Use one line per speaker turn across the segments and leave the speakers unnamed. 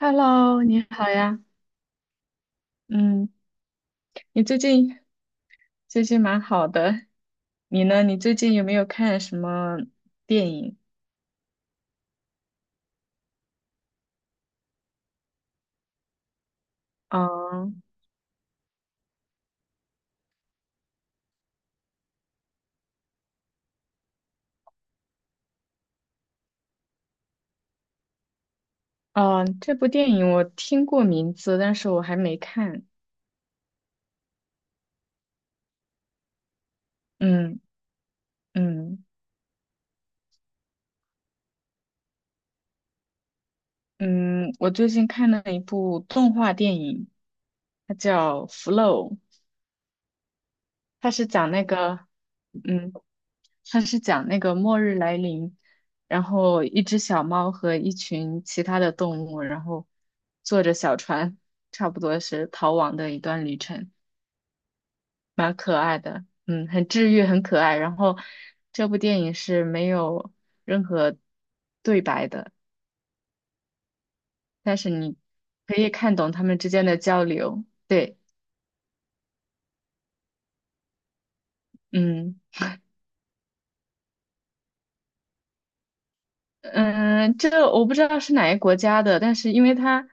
Hello，你好呀。嗯，你最近最近蛮好的。你呢？你最近有没有看什么电影？嗯嗯，这部电影我听过名字，但是我还没看。嗯嗯嗯，我最近看了一部动画电影，它叫《Flow》。它是讲那个，嗯，它是讲那个末日来临，然后一只小猫和一群其他的动物，然后坐着小船，差不多是逃亡的一段旅程，蛮可爱的，嗯，很治愈，很可爱。然后这部电影是没有任何对白的，但是你可以看懂他们之间的交流，对，嗯。嗯，这个我不知道是哪个国家的，但是因为它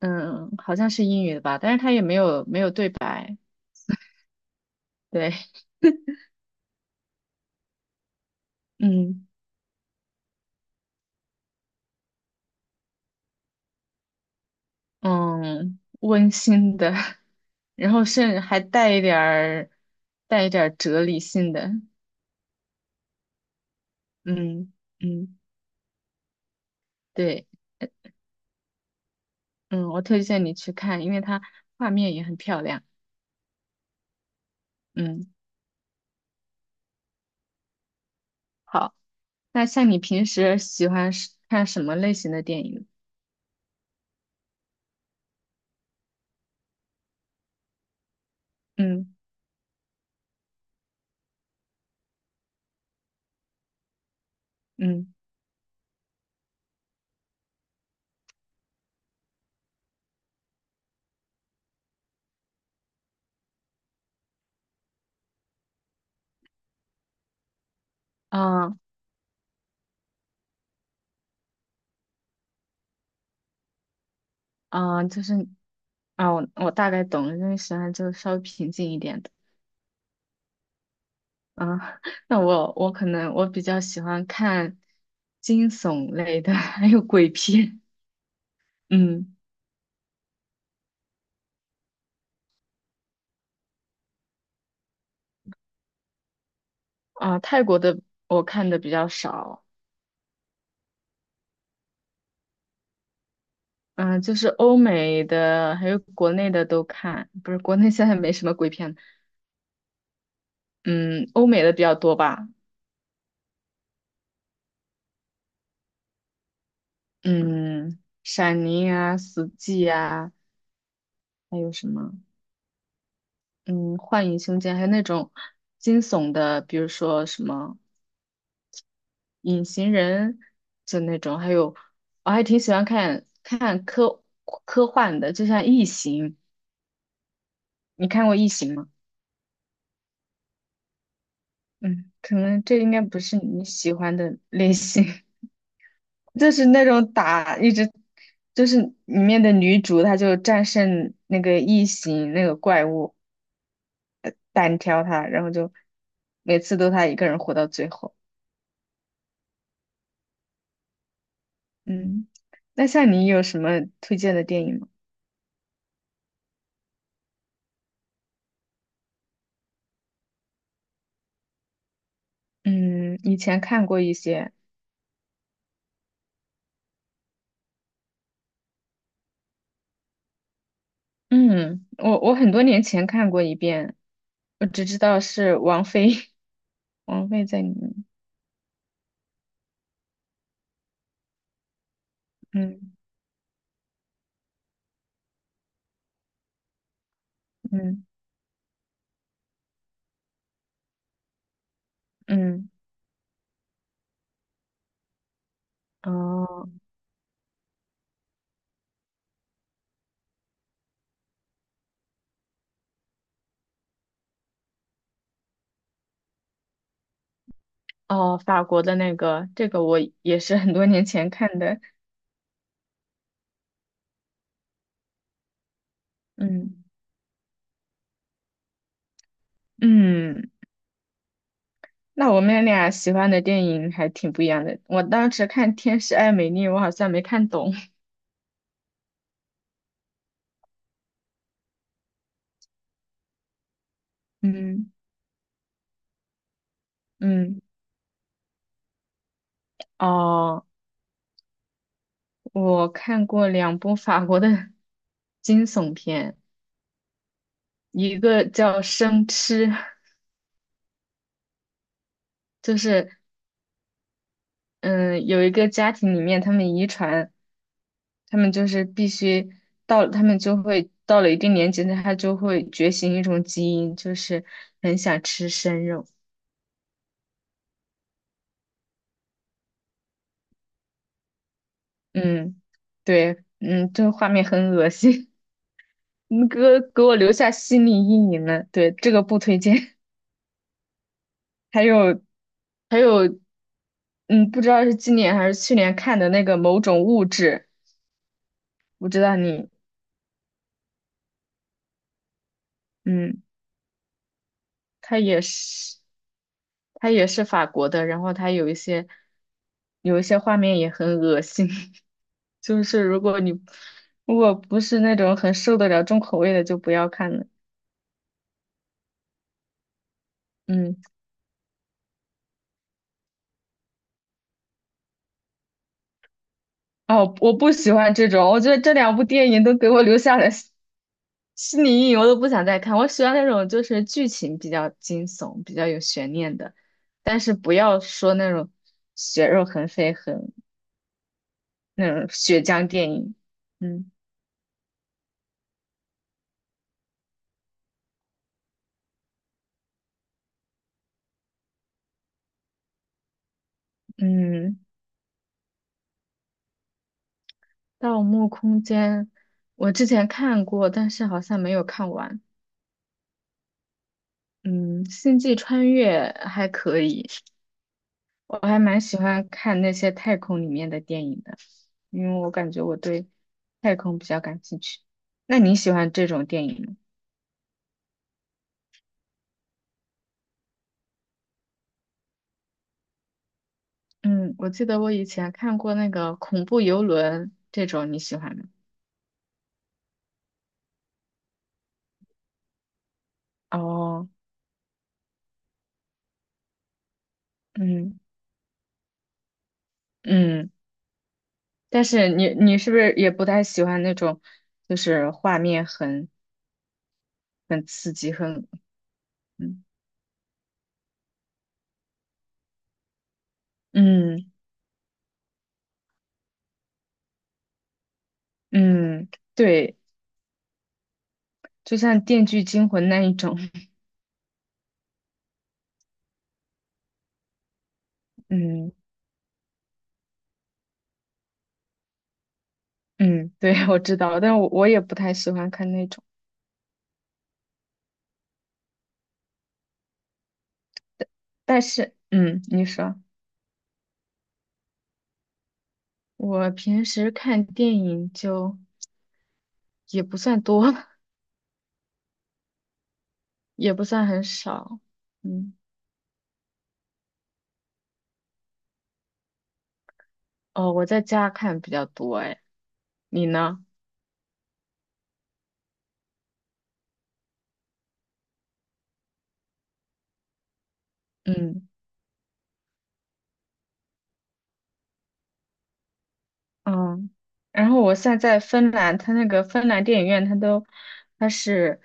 嗯，好像是英语的吧，但是它也没有对白，对，嗯嗯，温馨的，然后甚至还带一点儿哲理性的，嗯嗯，对，嗯，我推荐你去看，因为它画面也很漂亮，嗯，好，那像你平时喜欢是看什么类型的电影？嗯嗯啊啊，就是啊，我大概懂了，因为喜欢就稍微平静一点的。啊，那我可能比较喜欢看惊悚类的，还有鬼片。嗯，啊，泰国的我看的比较少，嗯，就是欧美的还有国内的都看，不是国内现在没什么鬼片，嗯，欧美的比较多吧，嗯，闪灵啊，死寂啊，还有什么，嗯，幻影凶间，还有那种惊悚的，比如说什么。隐形人就那种，还有我还挺喜欢看看科幻的，就像《异形》，你看过《异形》吗？嗯，可能这应该不是你喜欢的类型，就是那种打一直，就是里面的女主她就战胜那个异形那个怪物，单挑她，然后就每次都她一个人活到最后。嗯，那像你有什么推荐的电影吗？嗯，以前看过一些。嗯，我很多年前看过一遍，我只知道是王菲，王菲在里面。嗯嗯嗯，哦哦，法国的那个，这个我也是很多年前看的。嗯嗯，那我们俩喜欢的电影还挺不一样的。我当时看《天使爱美丽》，我好像没看懂。嗯嗯，哦，我看过两部法国的惊悚片。一个叫生吃，就是嗯，有一个家庭里面，他们遗传，他们就是必须他们就会到了一定年纪，他就会觉醒一种基因，就是很想吃生肉。嗯，对，嗯，这个画面很恶心，嗯，给我留下心理阴影了。对，这个不推荐。还有，还有，嗯，不知道是今年还是去年看的那个某种物质，我知道你，嗯。他也是，他也是法国的，然后他有一些画面也很恶心，就是如果不是那种很受得了重口味的，就不要看了。嗯，哦，我不喜欢这种，我觉得这两部电影都给我留下了心理阴影，我都不想再看。我喜欢那种就是剧情比较惊悚、比较有悬念的，但是不要说那种血肉横飞、那种血浆电影。嗯嗯。《盗墓空间》，我之前看过，但是好像没有看完。嗯，《星际穿越》还可以，我还蛮喜欢看那些太空里面的电影的，因为我感觉我对太空比较感兴趣。那你喜欢这种电影吗？嗯，我记得我以前看过那个恐怖游轮这种，你喜欢吗？哦，嗯嗯，但是你是不是也不太喜欢那种，就是画面很刺激，嗯嗯嗯，对，就像《电锯惊魂》那一种，嗯嗯，对，我知道，但我也不太喜欢看那种。但是，嗯，你说，我平时看电影就也不算多，也不算很少，嗯，哦，我在家看比较多，哎，你呢？嗯。嗯，然后我现在在芬兰，它那个芬兰电影院，它是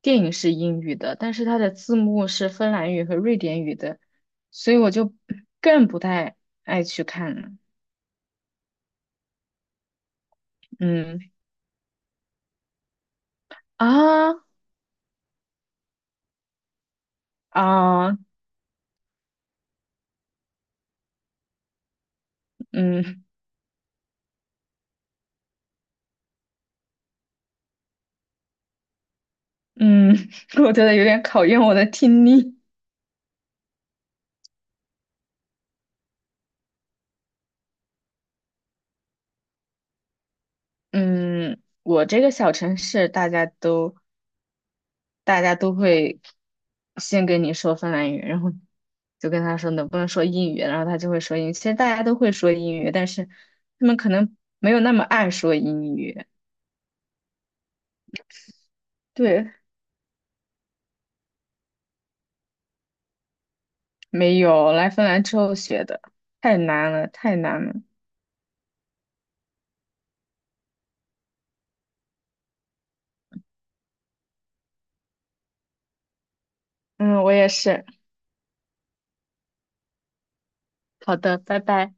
电影是英语的，但是它的字幕是芬兰语和瑞典语的，所以我就更不太爱去看了。嗯啊啊嗯嗯，我觉得有点考验我的听力。嗯，我这个小城市大家都会先跟你说芬兰语，然后就跟他说能不能说英语，然后他就会说英语。其实大家都会说英语，但是他们可能没有那么爱说英语。对，没有，来芬兰之后学的，太难了，太难了。嗯，我也是。好的，拜拜。